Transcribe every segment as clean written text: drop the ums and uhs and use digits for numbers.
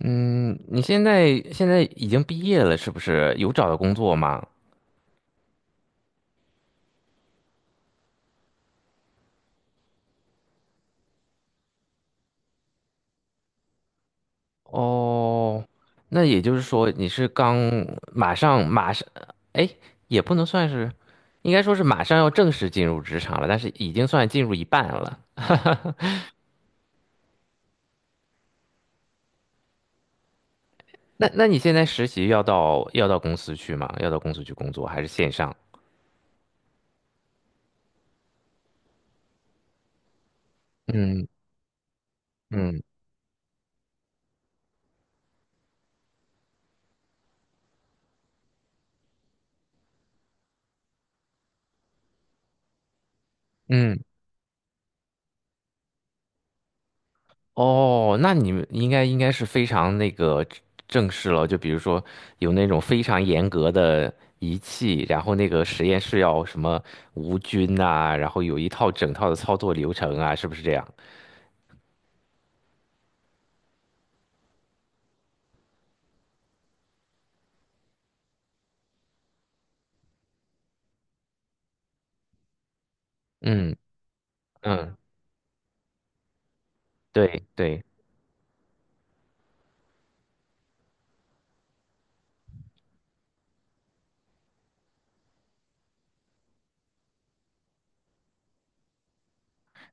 嗯，你现在已经毕业了，是不是？有找到工作吗？哦，那也就是说你是刚马上，哎，也不能算是，应该说是马上要正式进入职场了，但是已经算进入一半了。那你现在实习要到公司去吗？要到公司去工作还是线上？嗯。嗯，哦，那你们应该是非常那个正式了，就比如说有那种非常严格的仪器，然后那个实验室要什么无菌呐、然后有一套整套的操作流程啊，是不是这样？嗯。嗯，对对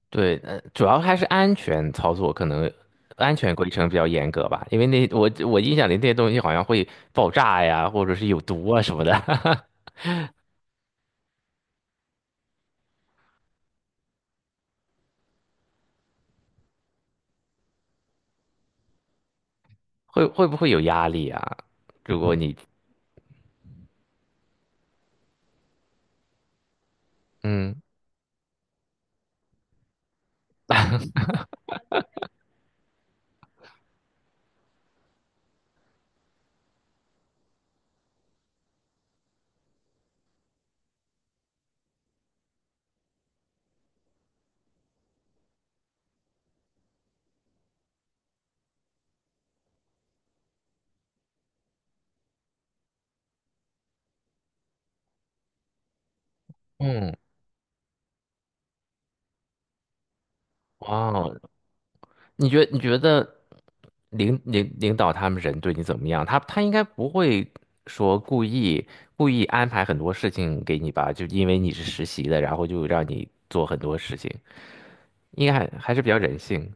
对。呃，主要还是安全操作，可能安全规程比较严格吧，因为那我印象里那些东西好像会爆炸呀，或者是有毒啊什么的。会会不会有压力啊？如果你嗯。嗯。哦，你觉得领导他们人对你怎么样？他他应该不会说故意安排很多事情给你吧？就因为你是实习的，然后就让你做很多事情，应该还是比较人性。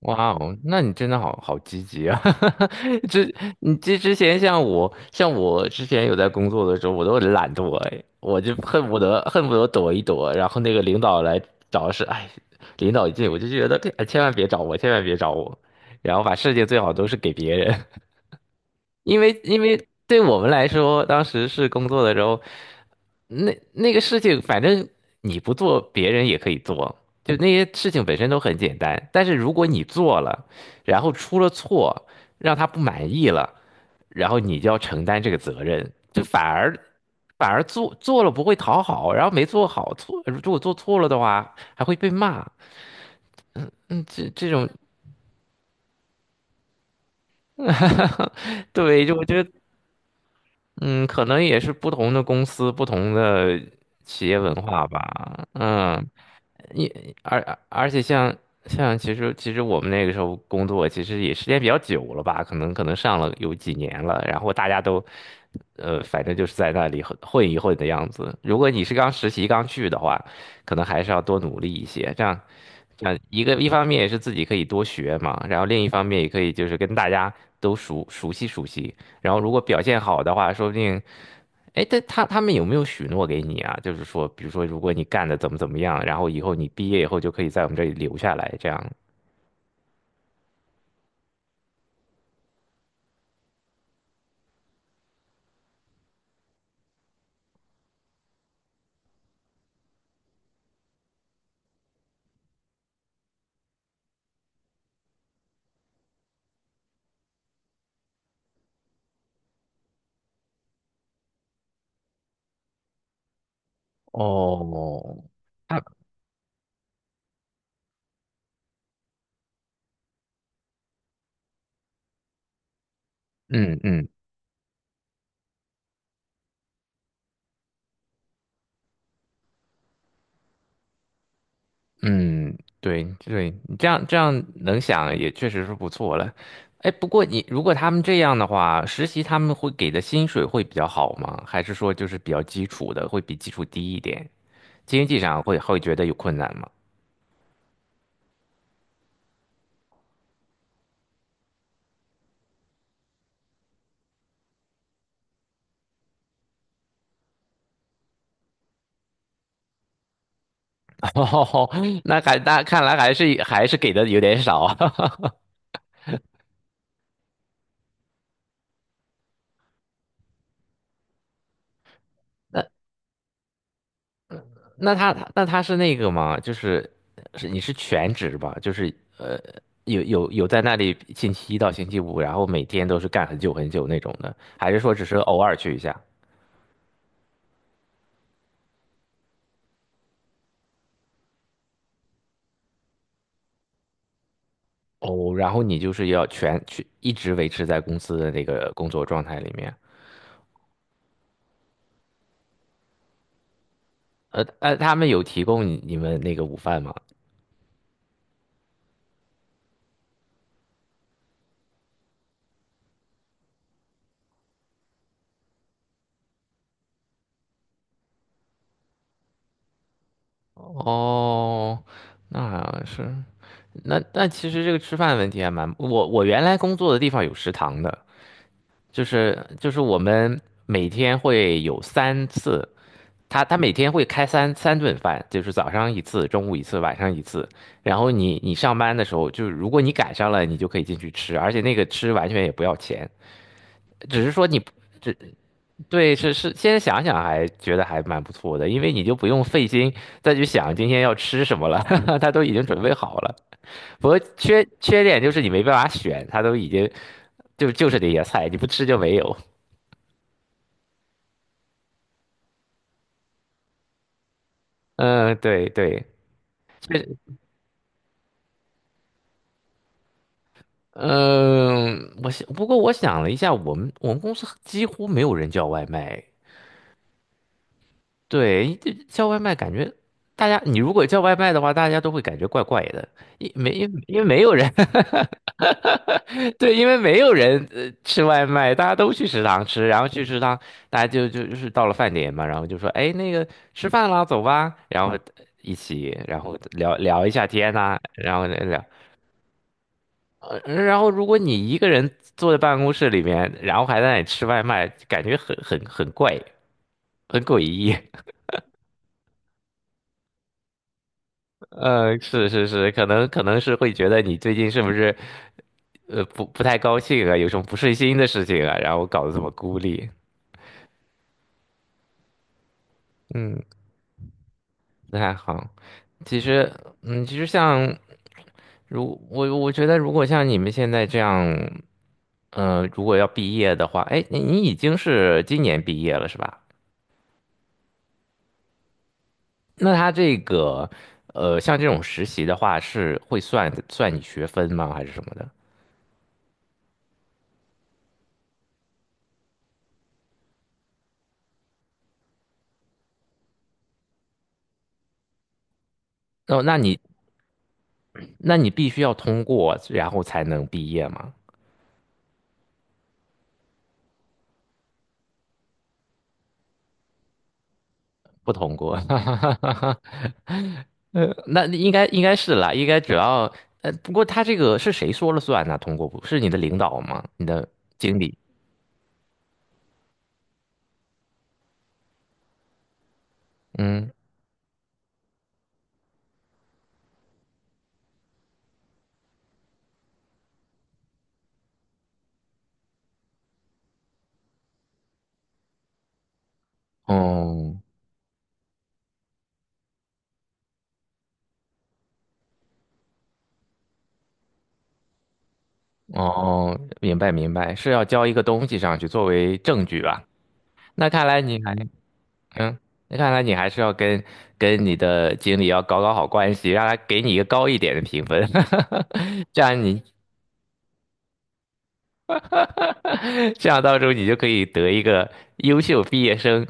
哇哦，那你真的好积极啊！之你之前像我，像我之前有在工作的时候，我都很懒惰，哎，我就恨不得躲一躲，然后那个领导来找是，哎，领导一进我就觉得，哎，千万别找我，千万别找我，然后把事情最好都是给别人。因为对我们来说，当时是工作的时候，那个事情，反正你不做，别人也可以做。就那些事情本身都很简单，但是如果你做了，然后出了错，让他不满意了，然后你就要承担这个责任。就反而做了不会讨好，然后没做好错，如果做错了的话还会被骂。嗯，这种对，就我觉得嗯，可能也是不同的公司、不同的企业文化吧。嗯，也而而且像像其实我们那个时候工作，其实也时间比较久了吧，可能上了有几年了。然后大家都，呃，反正就是在那里混一混的样子。如果你是刚实习刚去的话，可能还是要多努力一些。这样，这样一方面也是自己可以多学嘛，然后另一方面也可以就是跟大家都熟悉熟悉。然后如果表现好的话，说不定，哎，但他们有没有许诺给你啊？就是说，比如说，如果你干的怎么怎么样，然后以后你毕业以后就可以在我们这里留下来，这样。哦，他嗯。嗯。嗯，对对，你这样能想也确实是不错了。哎，不过你如果他们这样的话，实习他们会给的薪水会比较好吗？还是说就是比较基础的，会比基础低一点？经济上会觉得有困难吗？哦，那看来还是给的有点少啊。那他是那个吗？就是是你是全职吧？就是呃，有在那里星期一到星期五，然后每天都是干很久那种的，还是说只是偶尔去一下？哦，然后你就是要全去一直维持在公司的那个工作状态里面。呃。呃，他们有提供你们那个午饭吗？哦，那是那，那其实这个吃饭问题还蛮，我原来工作的地方有食堂的。就是我们每天会有三次，他他每天会开三顿饭，就是早上一次，中午一次，晚上一次。然后你上班的时候，就是如果你赶上了，你就可以进去吃，而且那个吃完全也不要钱，只是说你只对是是。现在想想还觉得还蛮不错的，因为你就不用费心再去想今天要吃什么了，他都已经准备好了。不过缺点就是你没办法选，他都已经就是那些菜，你不吃就没有。嗯，对对。对，嗯，我想，不过我想了一下，我们公司几乎没有人叫外卖。对，这叫外卖感觉大家，你如果叫外卖的话，大家都会感觉怪怪的，因为没有人。 对，因为没有人呃吃外卖，大家都去食堂吃，然后去食堂，大家就到了饭点嘛，然后就说，哎，那个吃饭啦，走吧，然后一起，然后聊一下天呐、然后聊。呃，然后如果你一个人坐在办公室里面，然后还在那里吃外卖，感觉很怪，很诡异。呃，是是是，可能是会觉得你最近是不是呃不太高兴啊，有什么不顺心的事情啊，然后搞得这么孤立，嗯，不太好。其实，嗯，其实像如我觉得，如果像你们现在这样，呃，如果要毕业的话，哎，你已经是今年毕业了是吧？那他这个，呃，像这种实习的话，是会算你学分吗？还是什么的？哦，那你，那你必须要通过，然后才能毕业吗？不通过，那应该是啦，应该只要，呃，不过他这个是谁说了算呢？通过不是你的领导吗？你的经理？哦。哦，哦明白明白，是要交一个东西上去作为证据吧？那看来你还。嗯，那看来你还是要跟跟你的经理要搞好关系，让他给你一个高一点的评分。这样你， 这样到时候你就可以得一个优秀毕业生、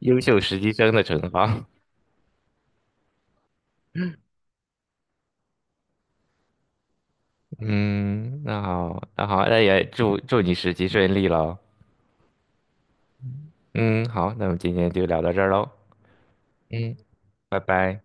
优秀实习生的称号。嗯，那好，那好，那也祝你实习顺利喽。嗯，好，那我们今天就聊到这儿喽。嗯，拜拜。